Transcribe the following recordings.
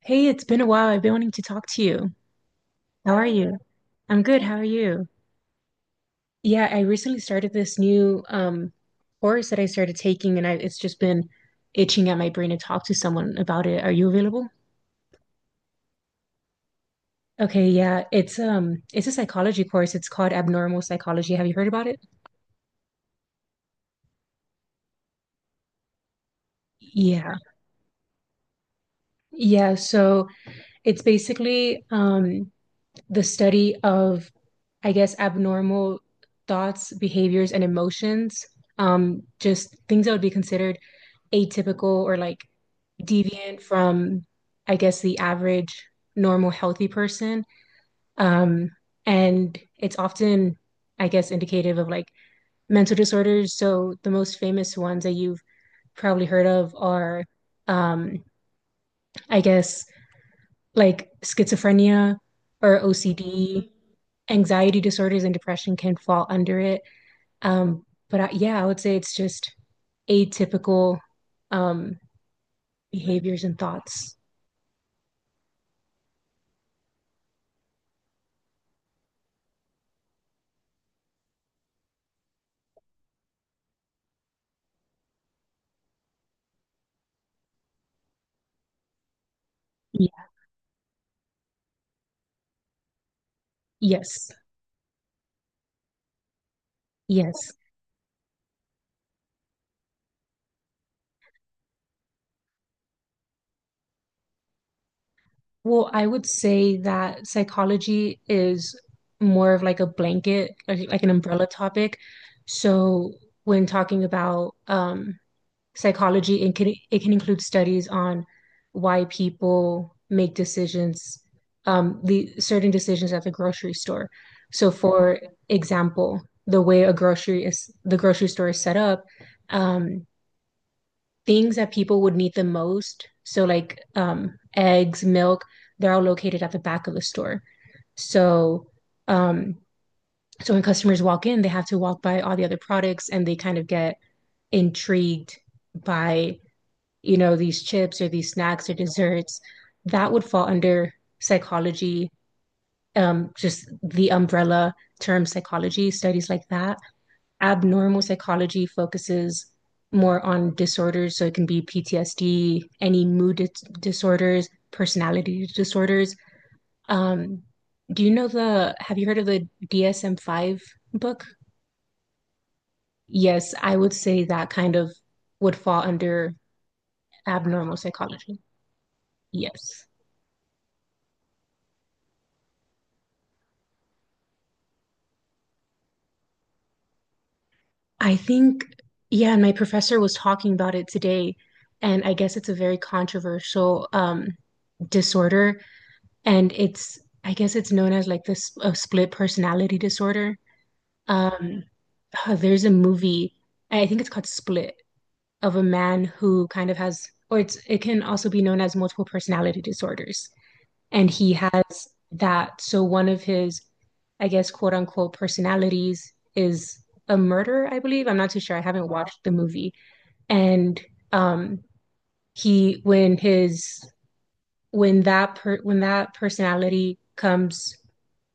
Hey, it's been a while. I've been wanting to talk to you. How are you? I'm good. How are you? Yeah, I recently started this new course that I started taking and I it's just been itching at my brain to talk to someone about it. Are you available? Okay, yeah. It's a psychology course. It's called Abnormal Psychology. Have you heard about it? Yeah. Yeah, so it's basically the study of, I guess, abnormal thoughts, behaviors, and emotions. Just things that would be considered atypical or like deviant from, I guess, the average normal healthy person. Um, and it's often, I guess, indicative of like mental disorders. So the most famous ones that you've probably heard of are, um, I guess, like schizophrenia or OCD. Anxiety disorders and depression can fall under it. Yeah, I would say it's just atypical, um, behaviors and thoughts. Yes, yes. Well, I would say that psychology is more of like a blanket, like an umbrella topic. So when talking about psychology, it can include studies on why people make decisions, the certain decisions at the grocery store. So for example, the way a grocery is the grocery store is set up. Um, things that people would need the most. So like eggs, milk, they're all located at the back of the store. So um, so when customers walk in, they have to walk by all the other products and they kind of get intrigued by, you know, these chips or these snacks or desserts. That would fall under psychology, just the umbrella term psychology. Studies like that, abnormal psychology focuses more on disorders. So it can be PTSD, any disorders, personality disorders. Um, do you know have you heard of the DSM-5 book? Yes, I would say that kind of would fall under abnormal psychology. Yes. I think, yeah, and my professor was talking about it today, and I guess it's a very controversial, disorder, and it's I guess it's known as like this split personality disorder. Um, there's a movie, I think it's called Split, of a man who kind of has, or it can also be known as multiple personality disorders, and he has that. So one of his, I guess, quote unquote personalities is a murderer. I believe. I'm not too sure. I haven't watched the movie, and um, he when that personality comes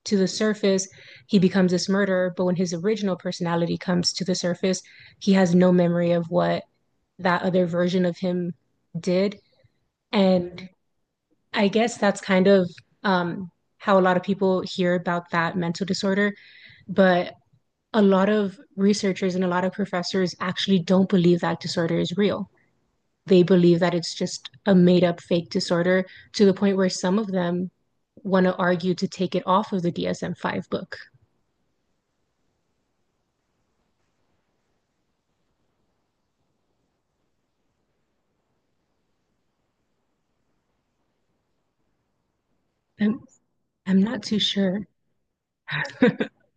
to the surface, he becomes this murderer. But when his original personality comes to the surface, he has no memory of what that other version of him did. And I guess that's kind of, um, how a lot of people hear about that mental disorder. But a lot of researchers and a lot of professors actually don't believe that disorder is real. They believe that it's just a made up fake disorder, to the point where some of them want to argue to take it off of the DSM 5 book. I'm, I'm not too sure.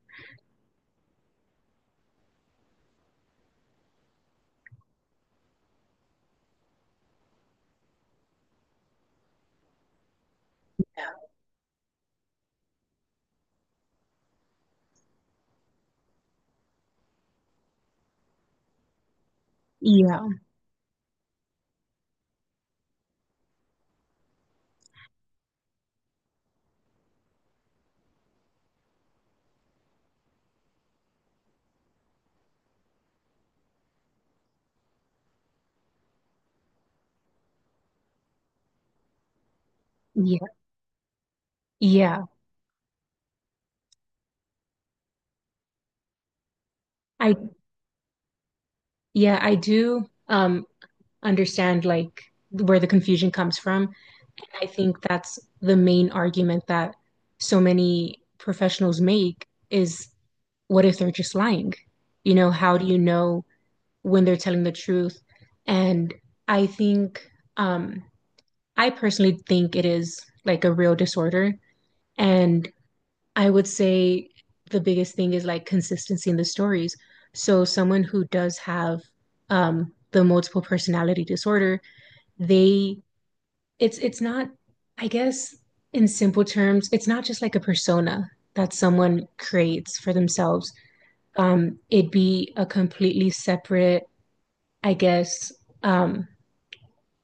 Yeah, yeah, yeah. I yeah, I do understand like where the confusion comes from. I think that's the main argument that so many professionals make is, what if they're just lying? You know, how do you know when they're telling the truth? And I think, um, I personally think it is like a real disorder. And I would say the biggest thing is like consistency in the stories. So, someone who does have, the multiple personality disorder, they, it's not, I guess, in simple terms, it's not just like a persona that someone creates for themselves. It'd be a completely separate, I guess, um,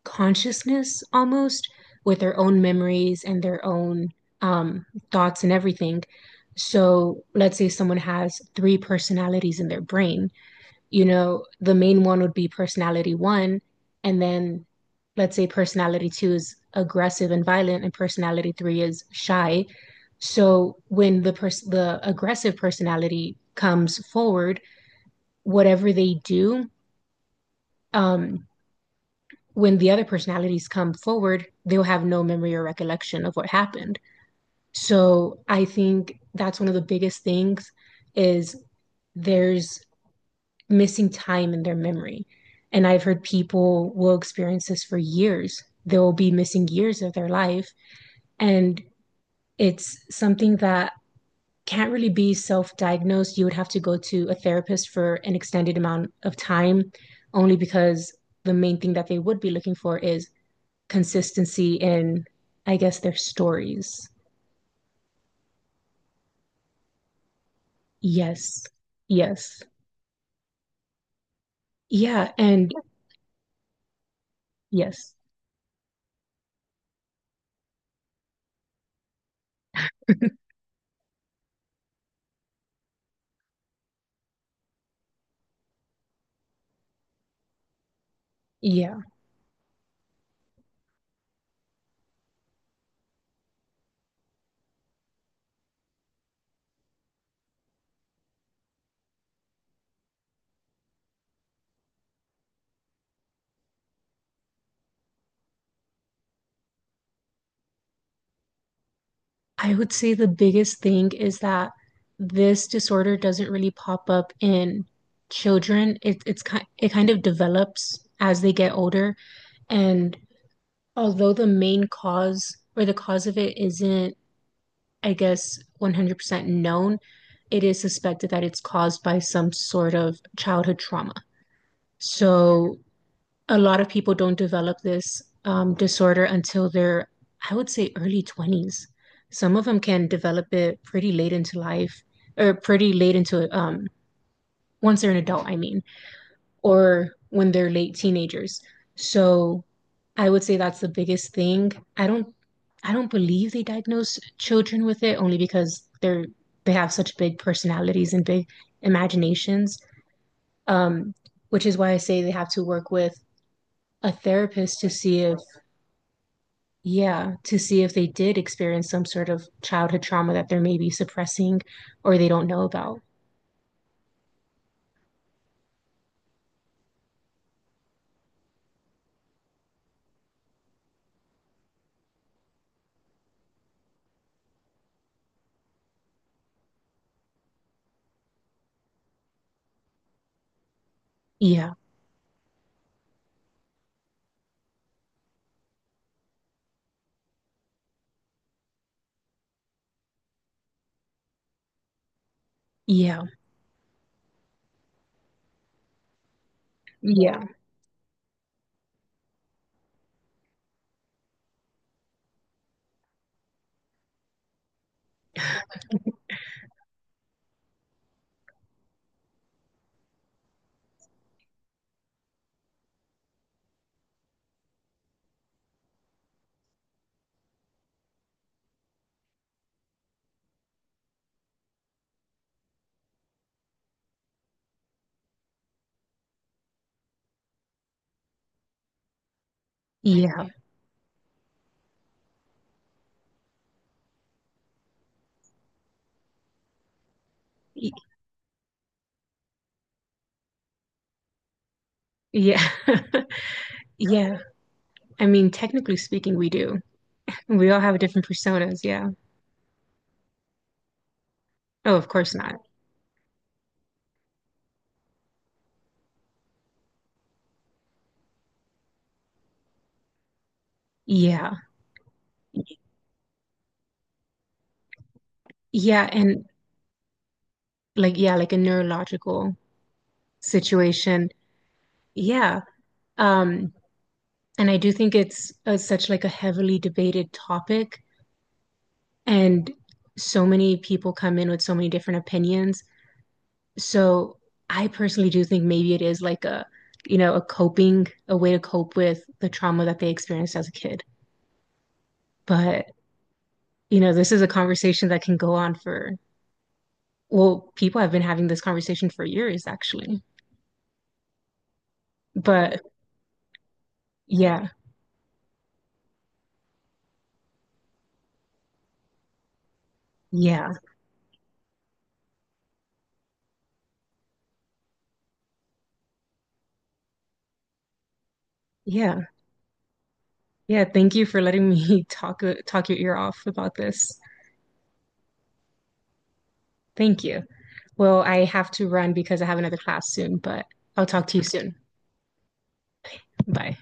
consciousness almost, with their own memories and their own, um, thoughts and everything. So let's say someone has three personalities in their brain. You know, the main one would be personality one. And then let's say personality two is aggressive and violent, and personality three is shy. So when the aggressive personality comes forward, whatever they do, um, when the other personalities come forward, they'll have no memory or recollection of what happened. So I think that's one of the biggest things, is there's missing time in their memory. And I've heard people will experience this for years. They will be missing years of their life. And it's something that can't really be self diagnosed. You would have to go to a therapist for an extended amount of time, only because the main thing that they would be looking for is consistency in, I guess, their stories. Yes. Yes. Yeah. And yes. Yeah. I would say the biggest thing is that this disorder doesn't really pop up in children. It kind of develops as they get older. And although the main cause or the cause of it isn't, I guess, 100% known, it is suspected that it's caused by some sort of childhood trauma. So a lot of people don't develop this, disorder until they're, I would say, early 20s. Some of them can develop it pretty late into life, or pretty late into, once they're an adult, I mean, or when they're late teenagers. So I would say that's the biggest thing. I don't, I don't believe they diagnose children with it only because they have such big personalities and big imaginations, um, which is why I say they have to work with a therapist to see if. Yeah, to see if they did experience some sort of childhood trauma that they're maybe suppressing or they don't know about. Yeah, yeah, yeah, yeah, y- yeah, yeah. I mean, technically speaking, we do. We all have different personas. Yeah. Oh, of course not. Yeah. Yeah, and yeah, like a neurological situation. Yeah. Um, and I do think it's such like a heavily debated topic, and so many people come in with so many different opinions. So I personally do think maybe it is like a, you know, a way to cope with the trauma that they experienced as a kid. But, you know, this is a conversation that can go on for, well, people have been having this conversation for years, actually. But yeah, yeah, yeah, yeah. Thank you for letting me talk your ear off about this. Thank you. Well, I have to run because I have another class soon, but I'll talk to you soon. Bye.